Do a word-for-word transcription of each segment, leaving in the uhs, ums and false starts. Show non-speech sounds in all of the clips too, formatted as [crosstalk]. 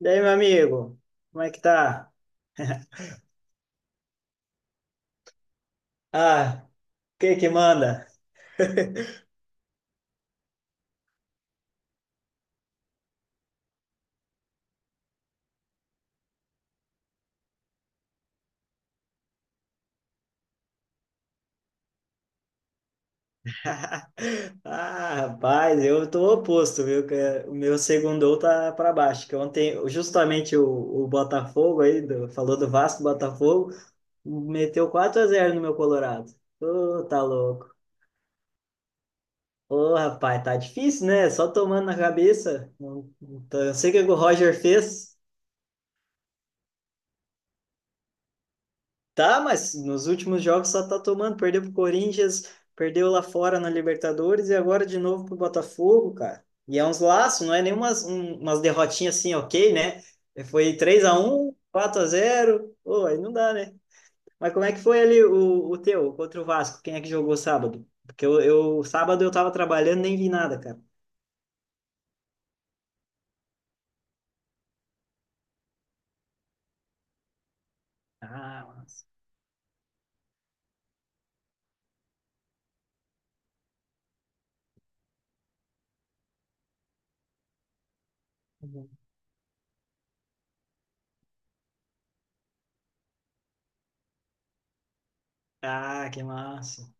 E aí, meu amigo? Como é que tá? [laughs] Ah, o que que manda? [laughs] Ah, rapaz, eu tô oposto, viu? Que é- o meu segundou tá para baixo. Que ontem, justamente o, o Botafogo aí, do- falou do Vasco, Botafogo, meteu quatro a zero no meu Colorado. Ô, tá louco. Ô, rapaz, tá difícil, né? Só tomando na cabeça. Não, não tô- eu sei o que o Roger fez. Tá, mas nos últimos jogos só tá tomando. Perdeu pro Corinthians, perdeu lá fora na Libertadores e agora de novo pro Botafogo, cara. E é uns laços, não é nem umas, um- umas derrotinhas assim, ok, né? Foi três a um, quatro a zero. Pô, aí não dá, né? Mas como é que foi ali o, o teu contra o Vasco? Quem é que jogou sábado? Porque eu, eu sábado eu tava trabalhando, nem vi nada, cara. Ah, massa. Ah, que massa.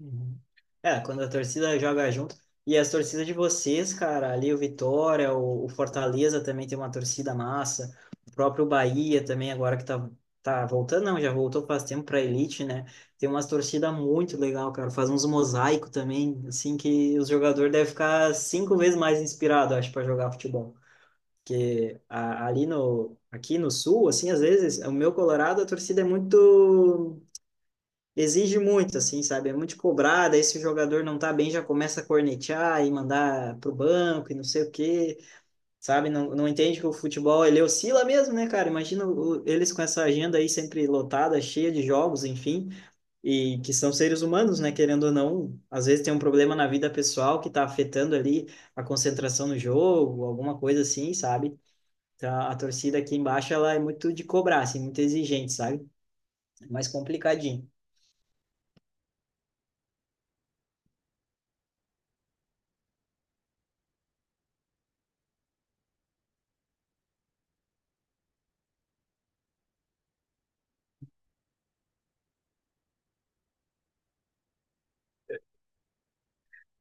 Uhum. É, quando a torcida joga junto. E as torcidas de vocês, cara, ali o Vitória, o, o Fortaleza também tem uma torcida massa. O próprio Bahia também, agora que tá, tá voltando, não, já voltou faz tempo pra elite, né? Tem umas torcidas muito legal, cara. Faz uns mosaico também, assim, que os jogadores devem ficar cinco vezes mais inspirados, acho, para jogar futebol. Porque a- ali no, aqui no sul, assim, às vezes, o meu Colorado, a torcida é muito exige muito, assim, sabe? É muito cobrado, aí se o jogador não tá bem, já começa a cornetear e mandar pro banco e não sei o quê, sabe? Não, não entende que o futebol, ele oscila mesmo, né, cara? Imagina o- eles com essa agenda aí sempre lotada, cheia de jogos, enfim, e que são seres humanos, né, querendo ou não, às vezes tem um problema na vida pessoal que tá afetando ali a concentração no jogo, alguma coisa assim, sabe? Então, a torcida aqui embaixo, ela é muito de cobrar, assim, muito exigente, sabe? É mais complicadinho.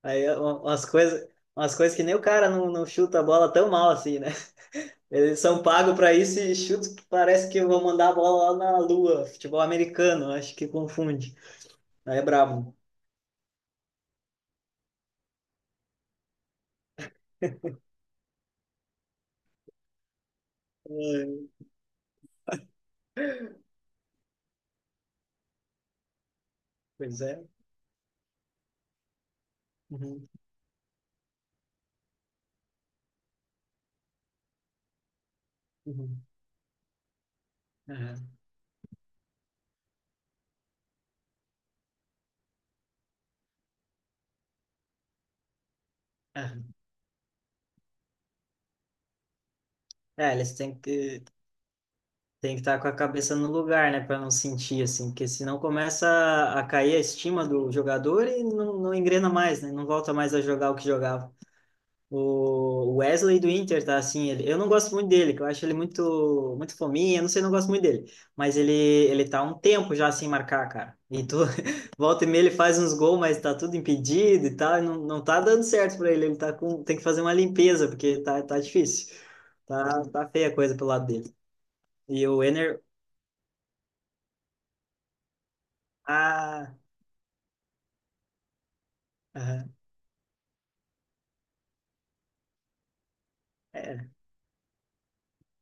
Aí um- umas coisas, umas coisas que nem o cara não, não chuta a bola tão mal assim, né? Eles são pagos para isso e chutam que parece que vão mandar a bola lá na lua. Futebol americano, acho que confunde. Aí é brabo. É, pois é. Uhum, uhum. Aham, aham. É, eles têm que têm que estar com a cabeça no lugar, né, para não sentir assim, porque senão começa a a cair a estima do jogador e não, não engrena mais, né? Não volta mais a jogar o que jogava. O Wesley do Inter tá assim, ele, eu não gosto muito dele, que eu acho ele muito muito fominha, não sei, não gosto muito dele, mas ele ele tá há um tempo já sem marcar, cara. E tu [laughs] volta e meia ele faz uns gols, mas tá tudo impedido e tal, e não, não tá dando certo pra ele, ele tá com tem que fazer uma limpeza, porque tá tá difícil. Tá tá feia a coisa pelo lado dele. E o Enner ah, aham, é,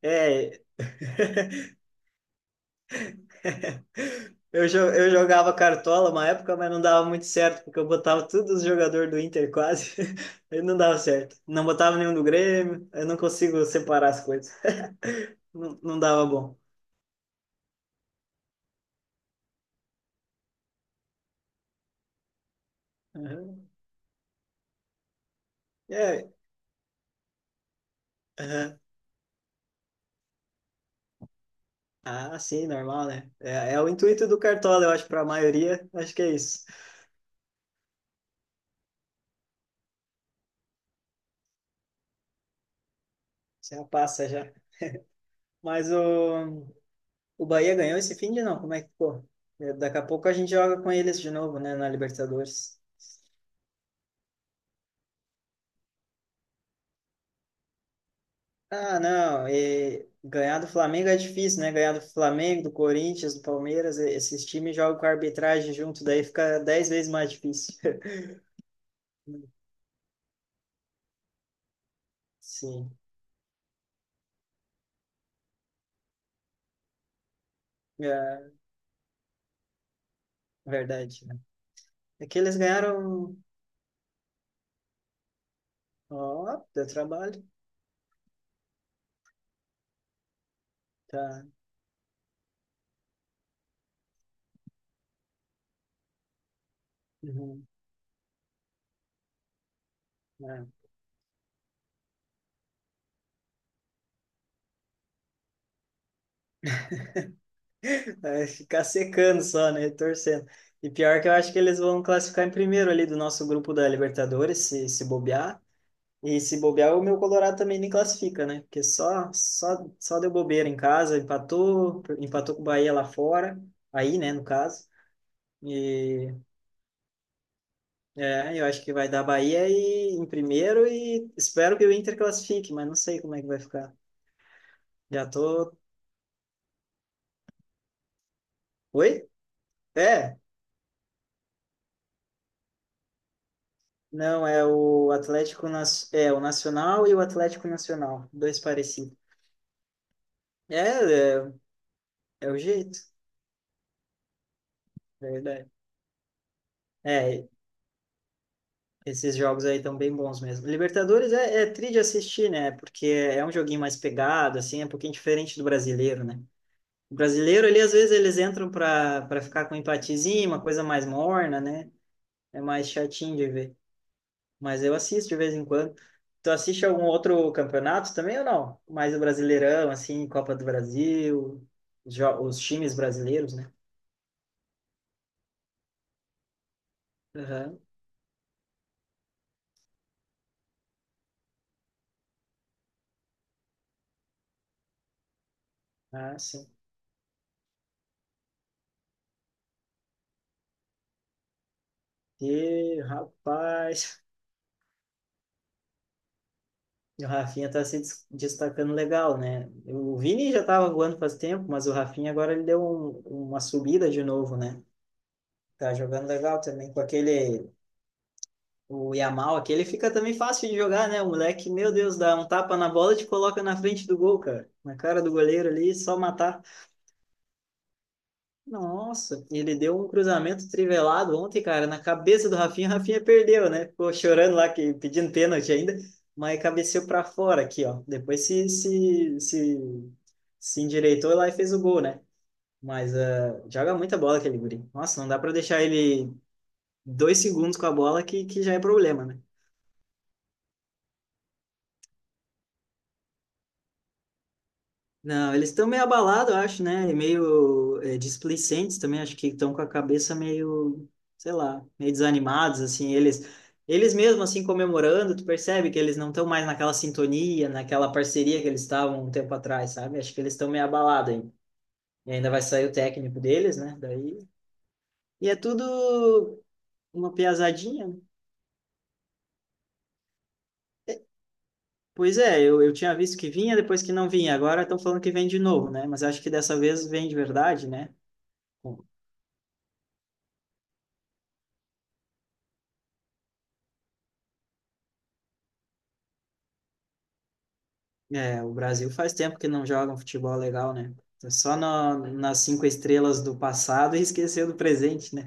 é [laughs] Eu, jo- eu jogava cartola uma época, mas não dava muito certo, porque eu botava todos os jogadores do Inter quase, [laughs] aí não dava certo. Não botava nenhum do Grêmio, eu não consigo separar as coisas. [laughs] Não, não dava bom. Uhum. É, uhum. Ah, sim, normal, né? É, é o intuito do Cartola, eu acho, para a maioria, acho que é isso. Já passa já. Mas o, o Bahia ganhou esse fim de não, como é que ficou? É, daqui a pouco a gente joga com eles de novo, né, na Libertadores. Ah, não, e ganhar do Flamengo é difícil, né? Ganhar do Flamengo, do Corinthians, do Palmeiras, e- esses times jogam com a arbitragem junto, daí fica dez vezes mais difícil. [laughs] Sim, é verdade, né? É que eles ganharam. Ó, deu trabalho. Tá. Uhum. É. É ficar secando só, né? Torcendo. E pior que eu acho que eles vão classificar em primeiro ali do nosso grupo da Libertadores, se, se bobear. E se bobear, o meu Colorado também nem classifica, né? Porque só, só, só deu bobeira em casa, empatou, empatou com o Bahia lá fora, aí, né, no caso. E é, eu acho que vai dar Bahia e, em primeiro e espero que o Inter classifique, mas não sei como é que vai ficar. Já tô. Oi? É? Não, é o Atlético, nas é o Nacional e o Atlético Nacional, dois parecidos. É, é, é o jeito, é verdade. É, esses jogos aí estão bem bons mesmo. Libertadores é, é tri de assistir, né? Porque é um joguinho mais pegado, assim, é um pouquinho diferente do brasileiro, né? O brasileiro, ali, às vezes, eles entram para para ficar com um empatezinho, uma coisa mais morna, né? É mais chatinho de ver. Mas eu assisto de vez em quando. Tu assiste algum outro campeonato também ou não? Mais o Brasileirão, assim, Copa do Brasil, jo- os times brasileiros, né? Aham. Ah, sim. E, rapaz. E o Rafinha tá se des- destacando legal, né? O Vini já tava voando faz tempo, mas o Rafinha agora ele deu um- uma subida de novo, né? Tá jogando legal também com aquele. O Yamal, aquele fica também fácil de jogar, né? O moleque, meu Deus, dá um tapa na bola e te coloca na frente do gol, cara. Na cara do goleiro ali, só matar. Nossa, ele deu um cruzamento trivelado ontem, cara, na cabeça do Rafinha. O Rafinha perdeu, né? Ficou chorando lá, que, pedindo pênalti ainda, mas cabeceou para fora aqui, ó. Depois se, se, se, se endireitou lá e fez o gol, né? Mas ah, joga muita bola aquele guri. Nossa, não dá para deixar ele dois segundos com a bola que, que já é problema, né? Não, eles estão meio abalados, eu acho, né? E meio é, displicentes também, acho que estão com a cabeça meio, sei lá, meio desanimados, assim, eles, eles mesmo, assim, comemorando, tu percebe que eles não estão mais naquela sintonia, naquela parceria que eles estavam um tempo atrás, sabe? Acho que eles estão meio abalados ainda. E ainda vai sair o técnico deles, né? Daí. E é tudo uma piazadinha, né? Pois é, eu, eu tinha visto que vinha, depois que não vinha. Agora estão falando que vem de novo, né? Mas acho que dessa vez vem de verdade, né? É, o Brasil faz tempo que não joga um futebol legal, né? Tá só na- nas cinco estrelas do passado e [laughs] esqueceu do presente, né?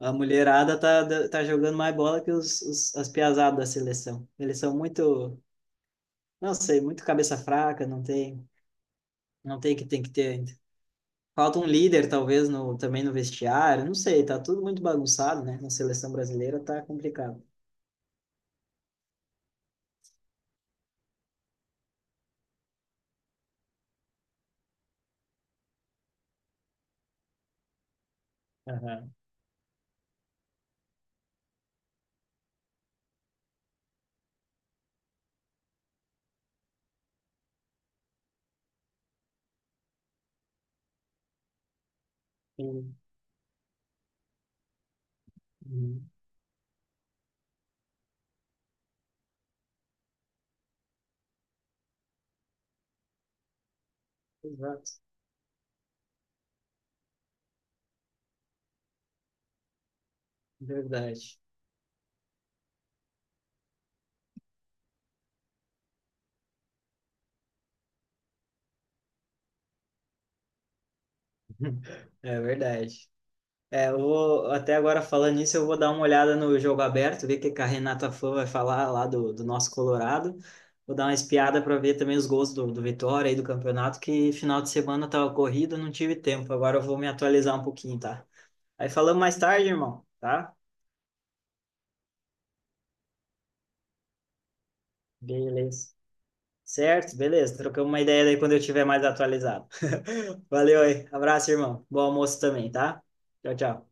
A mulherada tá, tá jogando mais bola que os, os- as piazadas da seleção. Eles são muito, não sei, muito cabeça fraca, não tem, não tem o que tem que ter ainda. Falta um líder, talvez, no, também no vestiário, não sei, tá tudo muito bagunçado, né? Na seleção brasileira tá complicado. Aham. Uhum. Exato. Verdade. [laughs] É verdade. É, eu vou, até agora falando nisso, eu vou dar uma olhada no jogo aberto, ver o que que a Renata Fã vai falar lá do, do nosso Colorado. Vou dar uma espiada para ver também os gols do, do Vitória e do campeonato, que final de semana tava corrido, não tive tempo. Agora eu vou me atualizar um pouquinho, tá? Aí falamos mais tarde, irmão, tá? Beleza. Certo, beleza. Trocamos uma ideia daí quando eu tiver mais atualizado. [laughs] Valeu aí. Abraço, irmão. Bom almoço também, tá? Tchau, tchau.